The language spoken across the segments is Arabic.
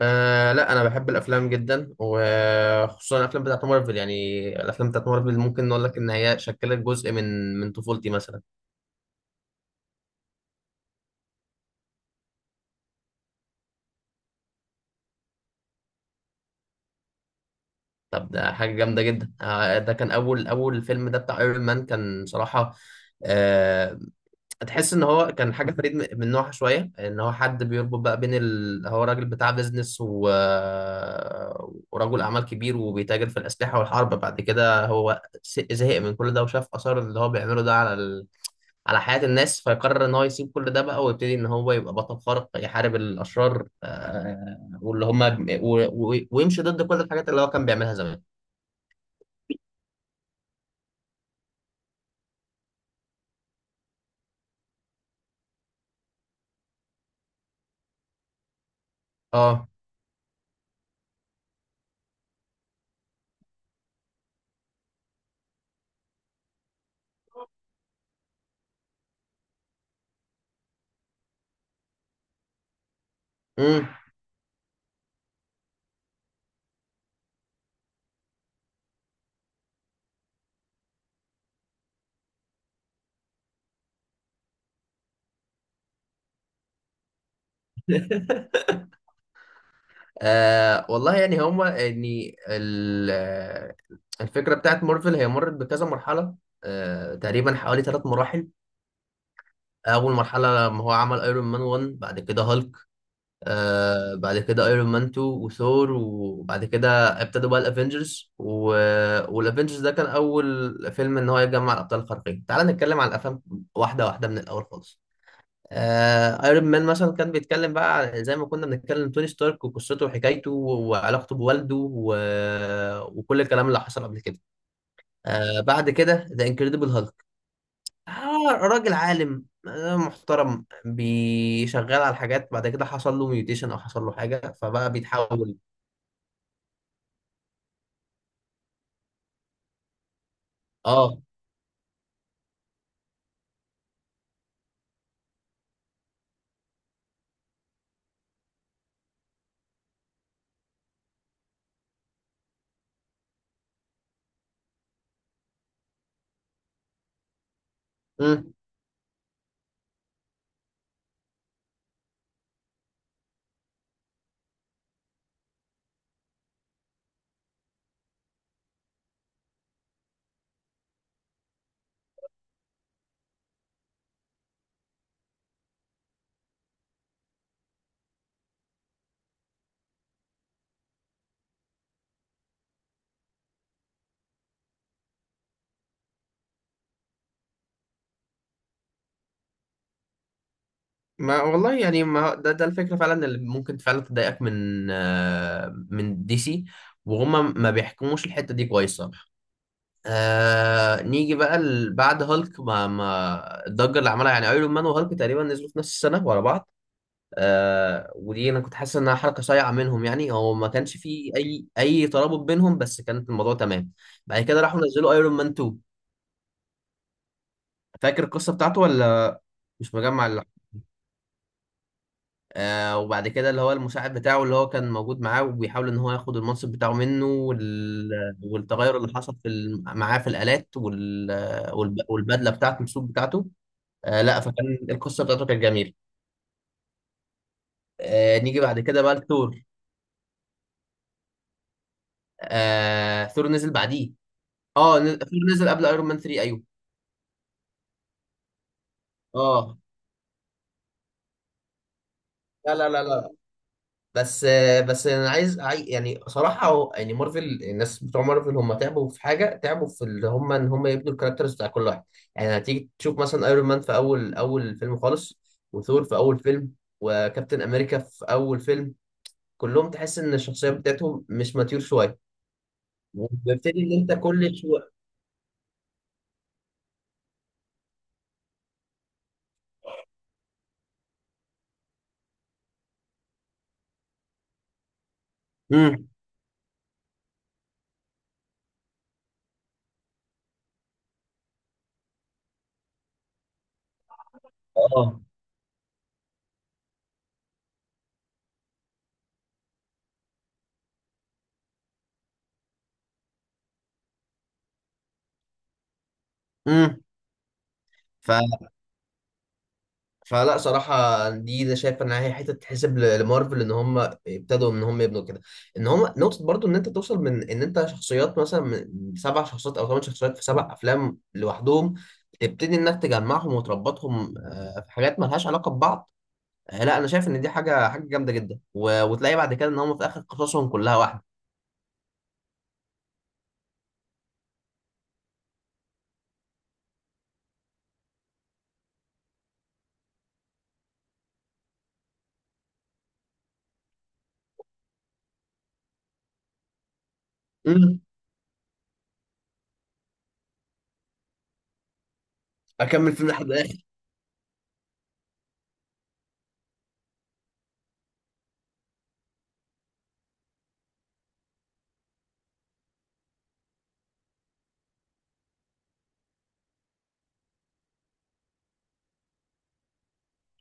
آه لا، انا بحب الافلام جدا، وخصوصا الافلام بتاعت مارفل. يعني الافلام بتاعت مارفل ممكن نقول لك ان هي شكلت جزء من طفولتي مثلا. طب ده حاجه جامده جدا. ده كان اول فيلم ده بتاع ايرون مان، كان صراحه آه، تحس ان هو كان حاجه فريد من نوعها شويه. ان هو حد بيربط بقى بين هو راجل بتاع بيزنس ورجل اعمال كبير وبيتاجر في الاسلحه والحرب. بعد كده هو زهق من كل ده، وشاف اثار اللي هو بيعمله ده على على حياة الناس، فيقرر ان هو يسيب كل ده بقى ويبتدي ان هو يبقى بطل خارق يحارب الاشرار، واللي هم و- ويمشي ضد كل الحاجات اللي هو كان بيعملها زمان. اه. امم. والله يعني هم يعني الفكرة بتاعت مارفل هي مرت بكذا مرحلة. تقريبا حوالي ثلاث مراحل. اول مرحلة لما هو عمل ايرون مان 1، بعد كده هالك. بعد كده ايرون مان 2 وثور، وبعد كده ابتدوا بقى الافنجرز والافنجرز ده كان اول فيلم ان هو يجمع الابطال الخارقين. تعال نتكلم على الافلام واحده واحده من الاول خالص. ايرون مان مثلا كان بيتكلم بقى زي ما كنا بنتكلم، توني ستارك وقصته وحكايته وعلاقته بوالده وكل الكلام اللي حصل قبل كده. بعد كده ذا انكريدبل هالك. راجل عالم آه، محترم بيشغل على حاجات. بعد كده حصل له ميوتيشن او حصل له حاجه، فبقى بيتحول. اه. مم. ما والله، يعني ما ده الفكره فعلا اللي ممكن فعلا تضايقك من آه من دي سي، وهم ما بيحكموش الحته دي كويس صراحه. نيجي بقى بعد هالك، ما الضجه اللي عملها يعني ايرون مان وهالك، تقريبا نزلوا في نفس السنه ورا بعض. ودي انا كنت حاسس انها حركه صايعه منهم، يعني هو ما كانش فيه اي ترابط بينهم، بس كانت الموضوع تمام. بعد كده راحوا نزلوا ايرون مان 2. فاكر القصه بتاعته ولا مش مجمع اللحظه؟ وبعد كده اللي هو المساعد بتاعه، اللي هو كان موجود معاه وبيحاول ان هو ياخد المنصب بتاعه منه، والتغير اللي حصل في معاه في الآلات والبدله بتاعته، السوق بتاعته. لا، فكان القصه بتاعته كانت جميله. نيجي بعد كده بقى لثور. ثور نزل بعديه. اه، ثور نزل قبل ايرون مان 3، ايوه. اه. لا لا لا لا، بس يعني صراحه يعني مارفل، الناس بتوع مارفل، هم تعبوا في حاجه، تعبوا في اللي هم ان هم يبنوا الكاركترز بتاع كل واحد. يعني هتيجي تشوف مثلا ايرون مان في اول فيلم خالص، وثور في اول فيلم، وكابتن امريكا في اول فيلم، كلهم تحس ان الشخصيه بتاعتهم مش ماتيور شويه. وبتبتدي ان انت كل شويه. امم. اه. امم. فلا صراحة، دي أنا شايف إن هي حتة تتحسب لمارفل، إن هم ابتدوا إن هم يبنوا كده. إن هم نقطة برضو، إن أنت توصل من إن أنت شخصيات مثلا من سبع شخصيات أو ثمان شخصيات في سبع أفلام لوحدهم، تبتدي إنك تجمعهم وتربطهم، في حاجات ملهاش علاقة ببعض. لا، أنا شايف إن دي حاجة جامدة جدا، وتلاقي بعد كده إن هم في آخر قصصهم كلها واحدة. امم. اكمل فيلم لحد الاخر.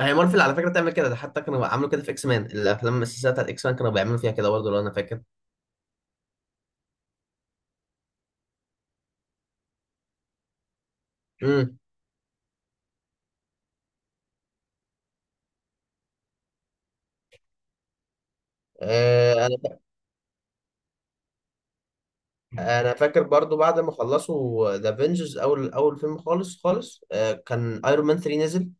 هي مارفل على فكره تعمل كده، ده حتى كانوا عملوا كده في اكس مان. الافلام السلسله بتاعت اكس مان كانوا بيعملوا فيها كده برضه لو انا فاكر. امم. انا فاكر برضو بعد ما خلصوا ذا افنجرز اول فيلم خالص خالص، كان ايرون مان 3 نزل.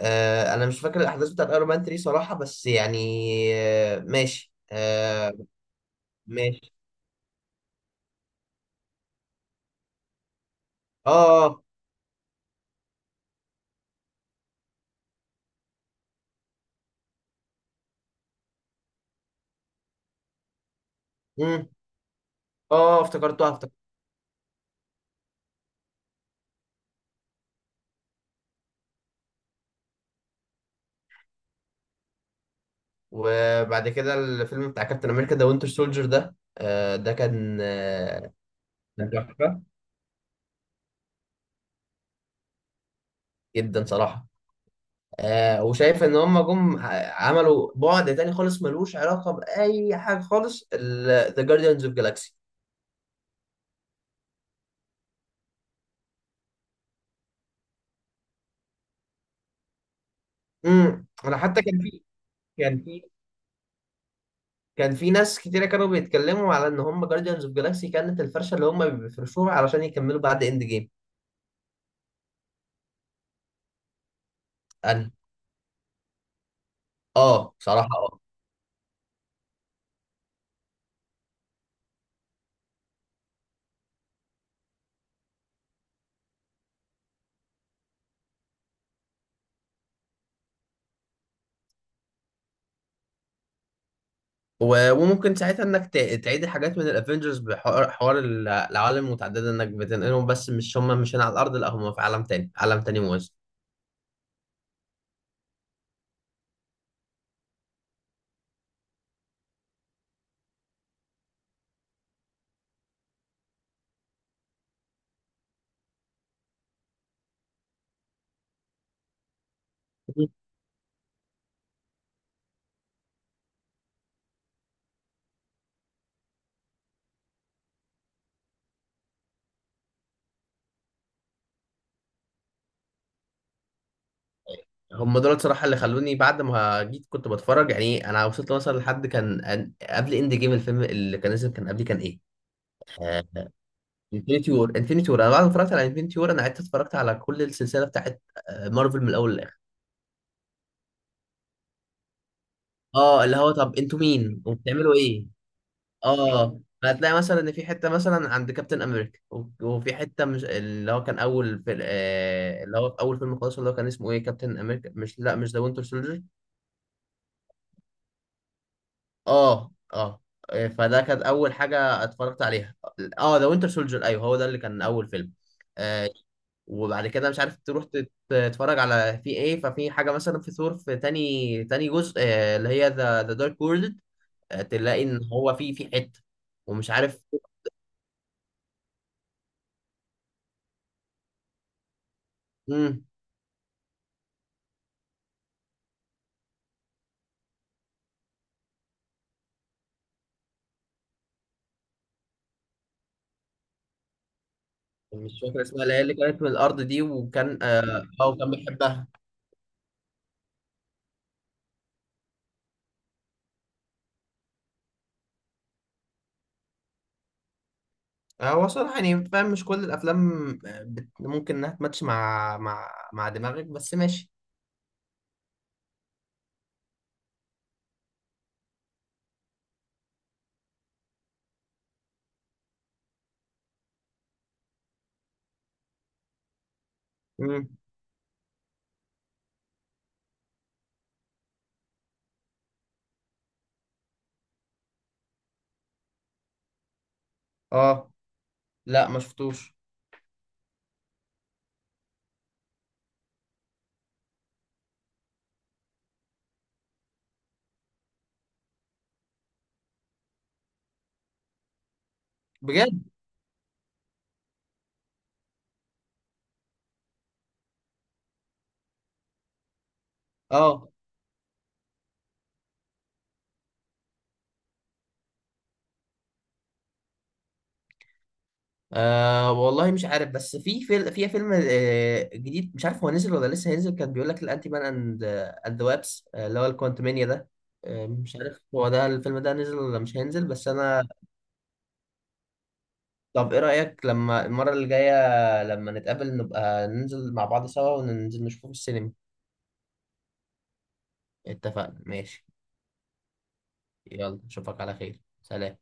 آه، انا مش فاكر الاحداث بتاعت ايرون مان 3 صراحه، بس يعني آه، ماشي. اه اه. مم. اه، افتكرت. وبعد كده الفيلم بتاع كابتن امريكا، ذا وينتر سولجر ده، آه، ده كان آه، كان تحفه جدا صراحه. وشايف ان هم جم عملوا بعد تاني خالص ملوش علاقه باي حاجه خالص، ذا جارديانز اوف جالاكسي. امم. انا حتى كان في كان في ناس كتيرة كانوا بيتكلموا على ان هم جارديانز اوف جالاكسي كانت الفرشه اللي هم بيفرشوها علشان يكملوا بعد اند جيم. انا. اه، بصراحه اه. وممكن ساعتها انك تعيد حاجات من الافنجرز بحوار العوالم المتعدده، انك بتنقلهم، بس مش هم مش هنا على الارض، لا هم في عالم تاني، عالم تاني موازي. مم. هم دول صراحه اللي خلوني. بعد ما جيت كنت بتفرج، يعني انا وصلت مثلا لحد كان قبل اند جيم. الفيلم اللي كان نزل كان قبلي كان ايه؟ آه. انفينيتي وور، انا بعد ما اتفرجت على انفينيتي وور، انا قعدت اتفرجت على كل السلسله بتاعت آه، مارفل من الاول للاخر. اه، اللي هو طب انتوا مين وبتعملوا ايه؟ اه، فهتلاقي مثلا ان في حته مثلا عند كابتن امريكا، وفي حته مش اللي هو كان اول في آه اللي هو في اول فيلم خالص، اللي هو كان اسمه ايه، كابتن امريكا مش لا مش ذا وينتر سولجر. اه اه. فده كانت اول حاجه اتفرجت عليها. اه، ذا وينتر سولجر، ايوه هو ده اللي كان اول فيلم. آه. وبعد كده مش عارف تروح تتفرج على في ايه، ففي حاجه مثلا في ثور في تاني جزء، اللي هي ذا دارك وورلد. تلاقي ان هو في حته، ومش عارف. امم. مش فاكر اسمها، اللي هي اللي كانت من الارض دي، وكان وكان بيحبها. هو صراحه يعني فاهم مش كل الافلام آه، ممكن انها تماتش مع مع دماغك، بس ماشي. امم. اه، لا ما شفتوش. بجد؟ اه. أه والله مش عارف، بس في في فيلم آه، جديد، مش عارف هو نزل ولا لسه هينزل، كان بيقول لك الانتي مان اند ذا وابس اللي هو الكوانتمانيا ده. مش عارف هو ده الفيلم ده نزل ولا مش هينزل، بس انا. طب ايه رأيك لما المرة اللي جاية لما نتقابل نبقى ننزل مع بعض سوا وننزل نشوفه في السينما؟ اتفقنا، ماشي. يلا، اشوفك على خير، سلام.